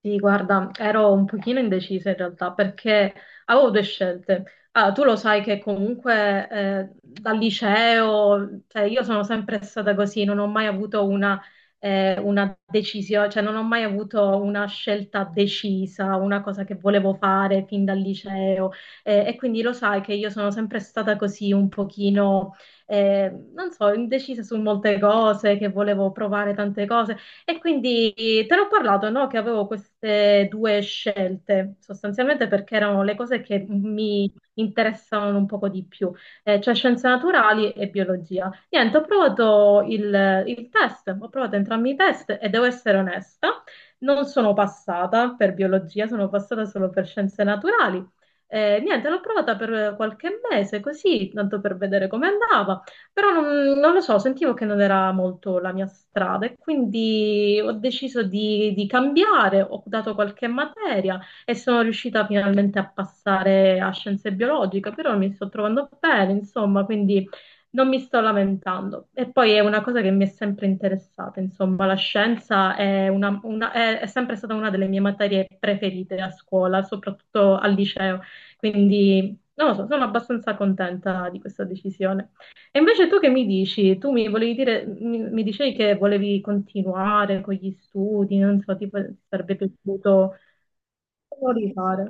Sì, guarda, ero un pochino indecisa in realtà perché avevo due scelte. Ah, tu lo sai che comunque dal liceo, cioè, io sono sempre stata così, non ho mai avuto una decisione, cioè non ho mai avuto una scelta decisa, una cosa che volevo fare fin dal liceo. E quindi lo sai che io sono sempre stata così un pochino, non so, indecisa su molte cose, che volevo provare tante cose. E quindi te l'ho parlato, no? Che avevo queste due scelte, sostanzialmente perché erano le cose che mi interessavano un poco di più, cioè scienze naturali e biologia. Niente, ho provato il test, ho provato entrambi i test e devo essere onesta, non sono passata per biologia, sono passata solo per scienze naturali. Niente, l'ho provata per qualche mese così, tanto per vedere come andava. Però non lo so, sentivo che non era molto la mia strada e quindi ho deciso di cambiare, ho dato qualche materia e sono riuscita finalmente a passare a scienze biologiche, però mi sto trovando bene, insomma, quindi non mi sto lamentando. E poi è una cosa che mi è sempre interessata, insomma, la scienza è sempre stata una delle mie materie preferite a scuola, soprattutto al liceo, quindi non lo so, sono abbastanza contenta di questa decisione. E invece tu che mi dici? Tu mi volevi dire, mi dicevi che volevi continuare con gli studi, non so, tipo, ti sarebbe piaciuto rifare.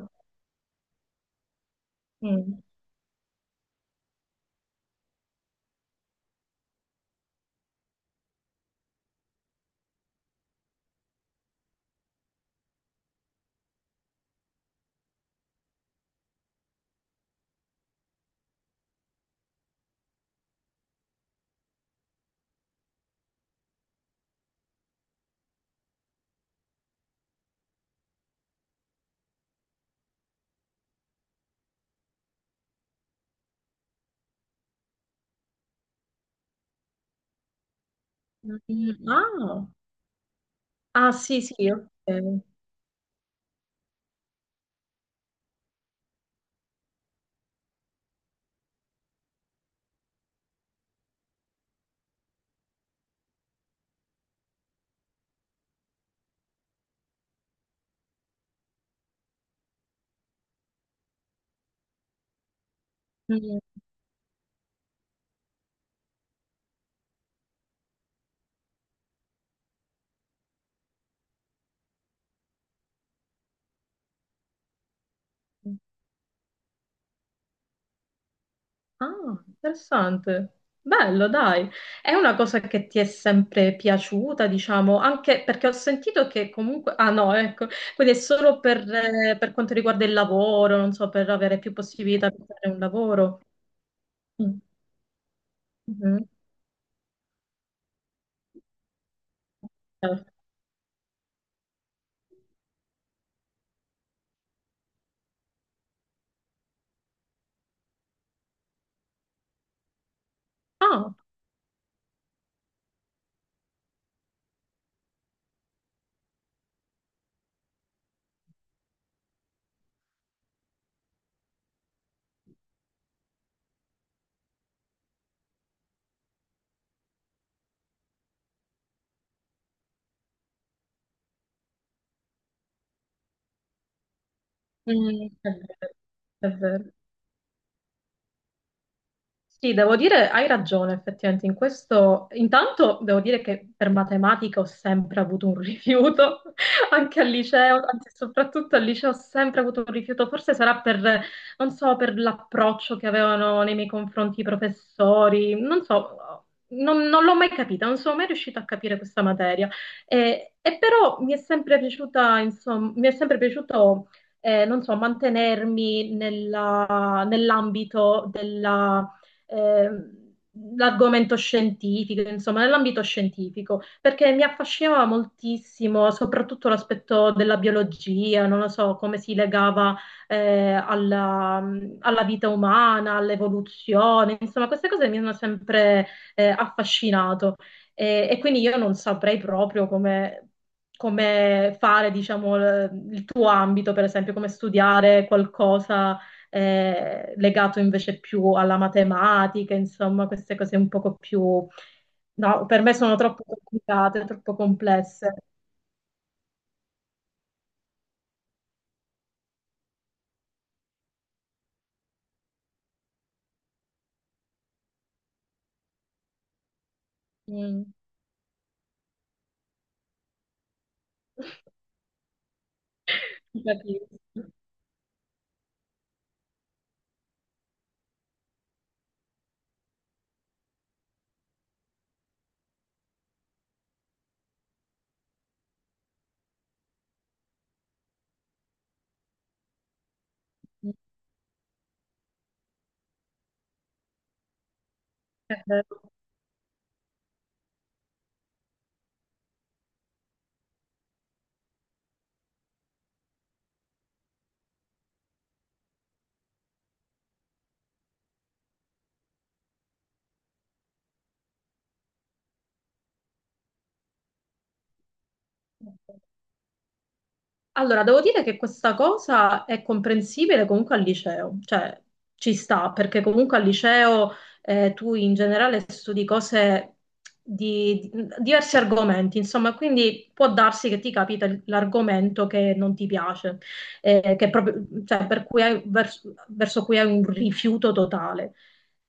Mm. Mm. Ah, ah, sì, sì, ok. Mm. Ah, interessante. Bello, dai. È una cosa che ti è sempre piaciuta, diciamo, anche perché ho sentito che comunque... Ah no, ecco, quindi è solo per quanto riguarda il lavoro, non so, per avere più possibilità di fare un lavoro. Mm. Mhm. Eh. Ah, mm, è vero, è vero. Sì, devo dire, hai ragione effettivamente in questo. Intanto devo dire che per matematica ho sempre avuto un rifiuto, anche al liceo, anzi soprattutto al liceo ho sempre avuto un rifiuto, forse sarà per, non so, per l'approccio che avevano nei miei confronti i professori, non so, non l'ho mai capita, non sono mai riuscita a capire questa materia. E però mi è sempre piaciuta, insomma, mi è sempre piaciuto non so, nell'ambito ehm, l'argomento scientifico, insomma, nell'ambito scientifico, perché mi affascinava moltissimo, soprattutto l'aspetto della biologia, non lo so, come si legava eh, alla, alla vita umana, all'evoluzione, insomma, queste cose mi hanno sempre affascinato e quindi io non saprei proprio come... come fare, diciamo, il tuo ambito, per esempio, come studiare qualcosa legato invece più alla matematica, insomma, queste cose un poco più... No, per me sono troppo complicate, troppo complesse. Mm. Ti capisco. Mm. Eh, eh. Allora, devo dire che questa cosa è comprensibile comunque al liceo, cioè ci sta, perché comunque al liceo tu in generale studi cose diversi argomenti, insomma, quindi può darsi che ti capita l'argomento che non ti piace, che proprio, cioè, per cui verso, verso cui hai un rifiuto totale.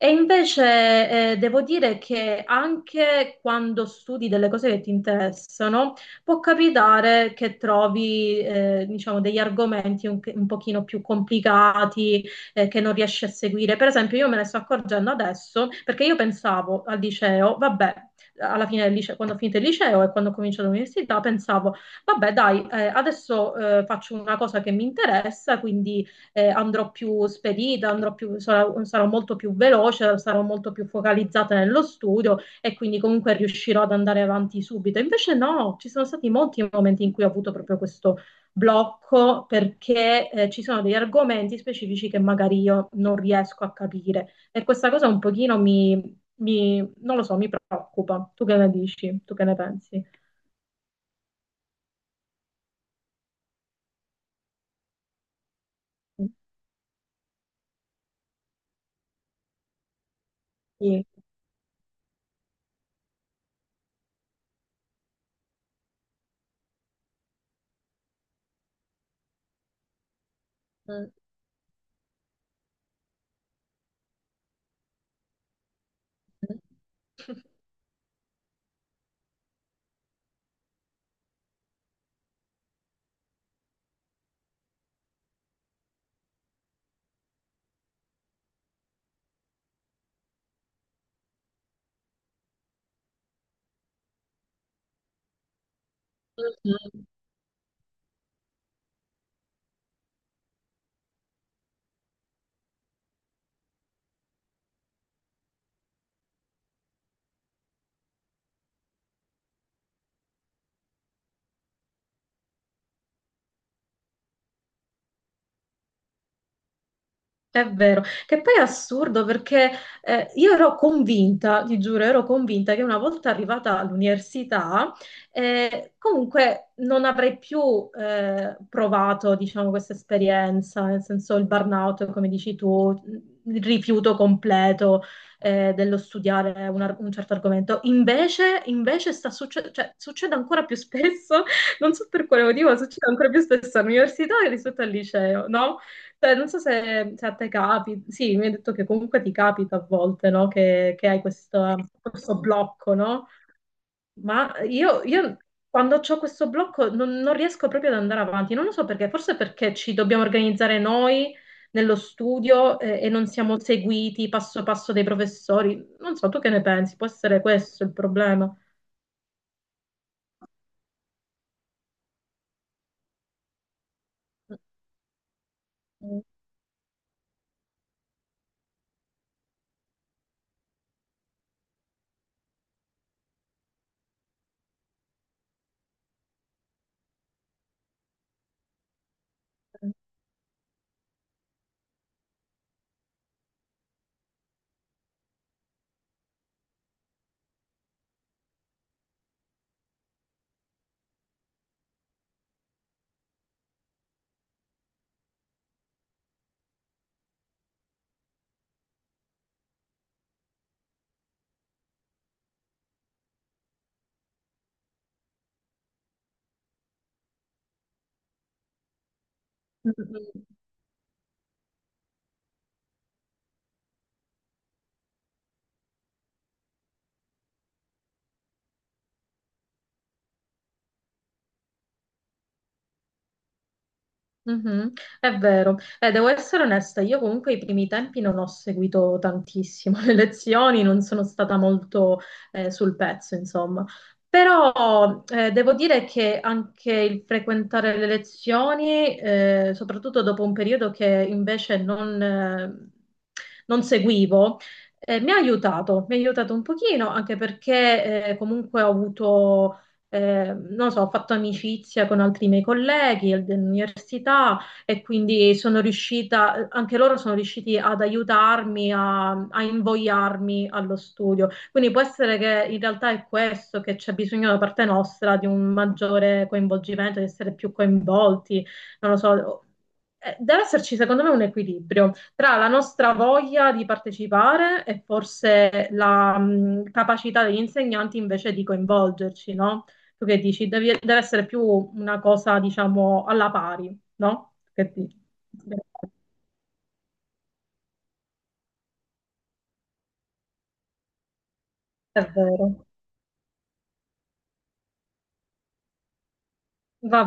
E invece devo dire che anche quando studi delle cose che ti interessano, può capitare che trovi, diciamo, degli argomenti un pochino più complicati, che non riesci a seguire. Per esempio, io me ne sto accorgendo adesso perché io pensavo al liceo, vabbè, alla fine del liceo, quando ho finito il liceo e quando ho cominciato l'università, pensavo, vabbè, dai, adesso faccio una cosa che mi interessa, quindi andrò più spedita, sarò molto più veloce, sarò molto più focalizzata nello studio e quindi comunque riuscirò ad andare avanti subito. Invece no, ci sono stati molti momenti in cui ho avuto proprio questo blocco perché ci sono degli argomenti specifici che magari io non riesco a capire e questa cosa un pochino non lo so, mi preoccupa. Tu che ne dici? Tu che ne pensi? Sì. Mm. È vero, che poi è assurdo perché io ero convinta, ti giuro, ero convinta che una volta arrivata all'università, comunque non avrei più provato, diciamo, questa esperienza, nel senso il burnout, come dici tu, il rifiuto completo dello studiare un certo argomento. Invece, cioè, succede ancora più spesso, non so per quale motivo, ma succede ancora più spesso all'università rispetto al liceo, no? Cioè, non so se, se a te capita, sì, mi hai detto che comunque ti capita a volte, no? Che hai questo, questo blocco, no? Ma io quando ho questo blocco non riesco proprio ad andare avanti, non lo so perché, forse perché ci dobbiamo organizzare noi nello studio e non siamo seguiti passo passo dai professori. Non so, tu che ne pensi? Può essere questo il problema? Mhm. È vero. Devo essere onesta, io comunque i primi tempi non ho seguito tantissimo le lezioni, non sono stata molto sul pezzo, insomma. Però devo dire che anche il frequentare le lezioni, soprattutto dopo un periodo che invece non seguivo, mi ha aiutato un pochino, anche perché comunque ho avuto non lo so, ho fatto amicizia con altri miei colleghi dell'università e quindi sono riuscita, anche loro sono riusciti ad aiutarmi, a invogliarmi allo studio. Quindi può essere che in realtà è questo, che c'è bisogno da parte nostra di un maggiore coinvolgimento, di essere più coinvolti, non lo so. Deve esserci, secondo me, un equilibrio tra la nostra voglia di partecipare e forse la capacità degli insegnanti invece di coinvolgerci, no? Tu che dici? Deve essere più una cosa, diciamo, alla pari, no? Che dici? È vero. Va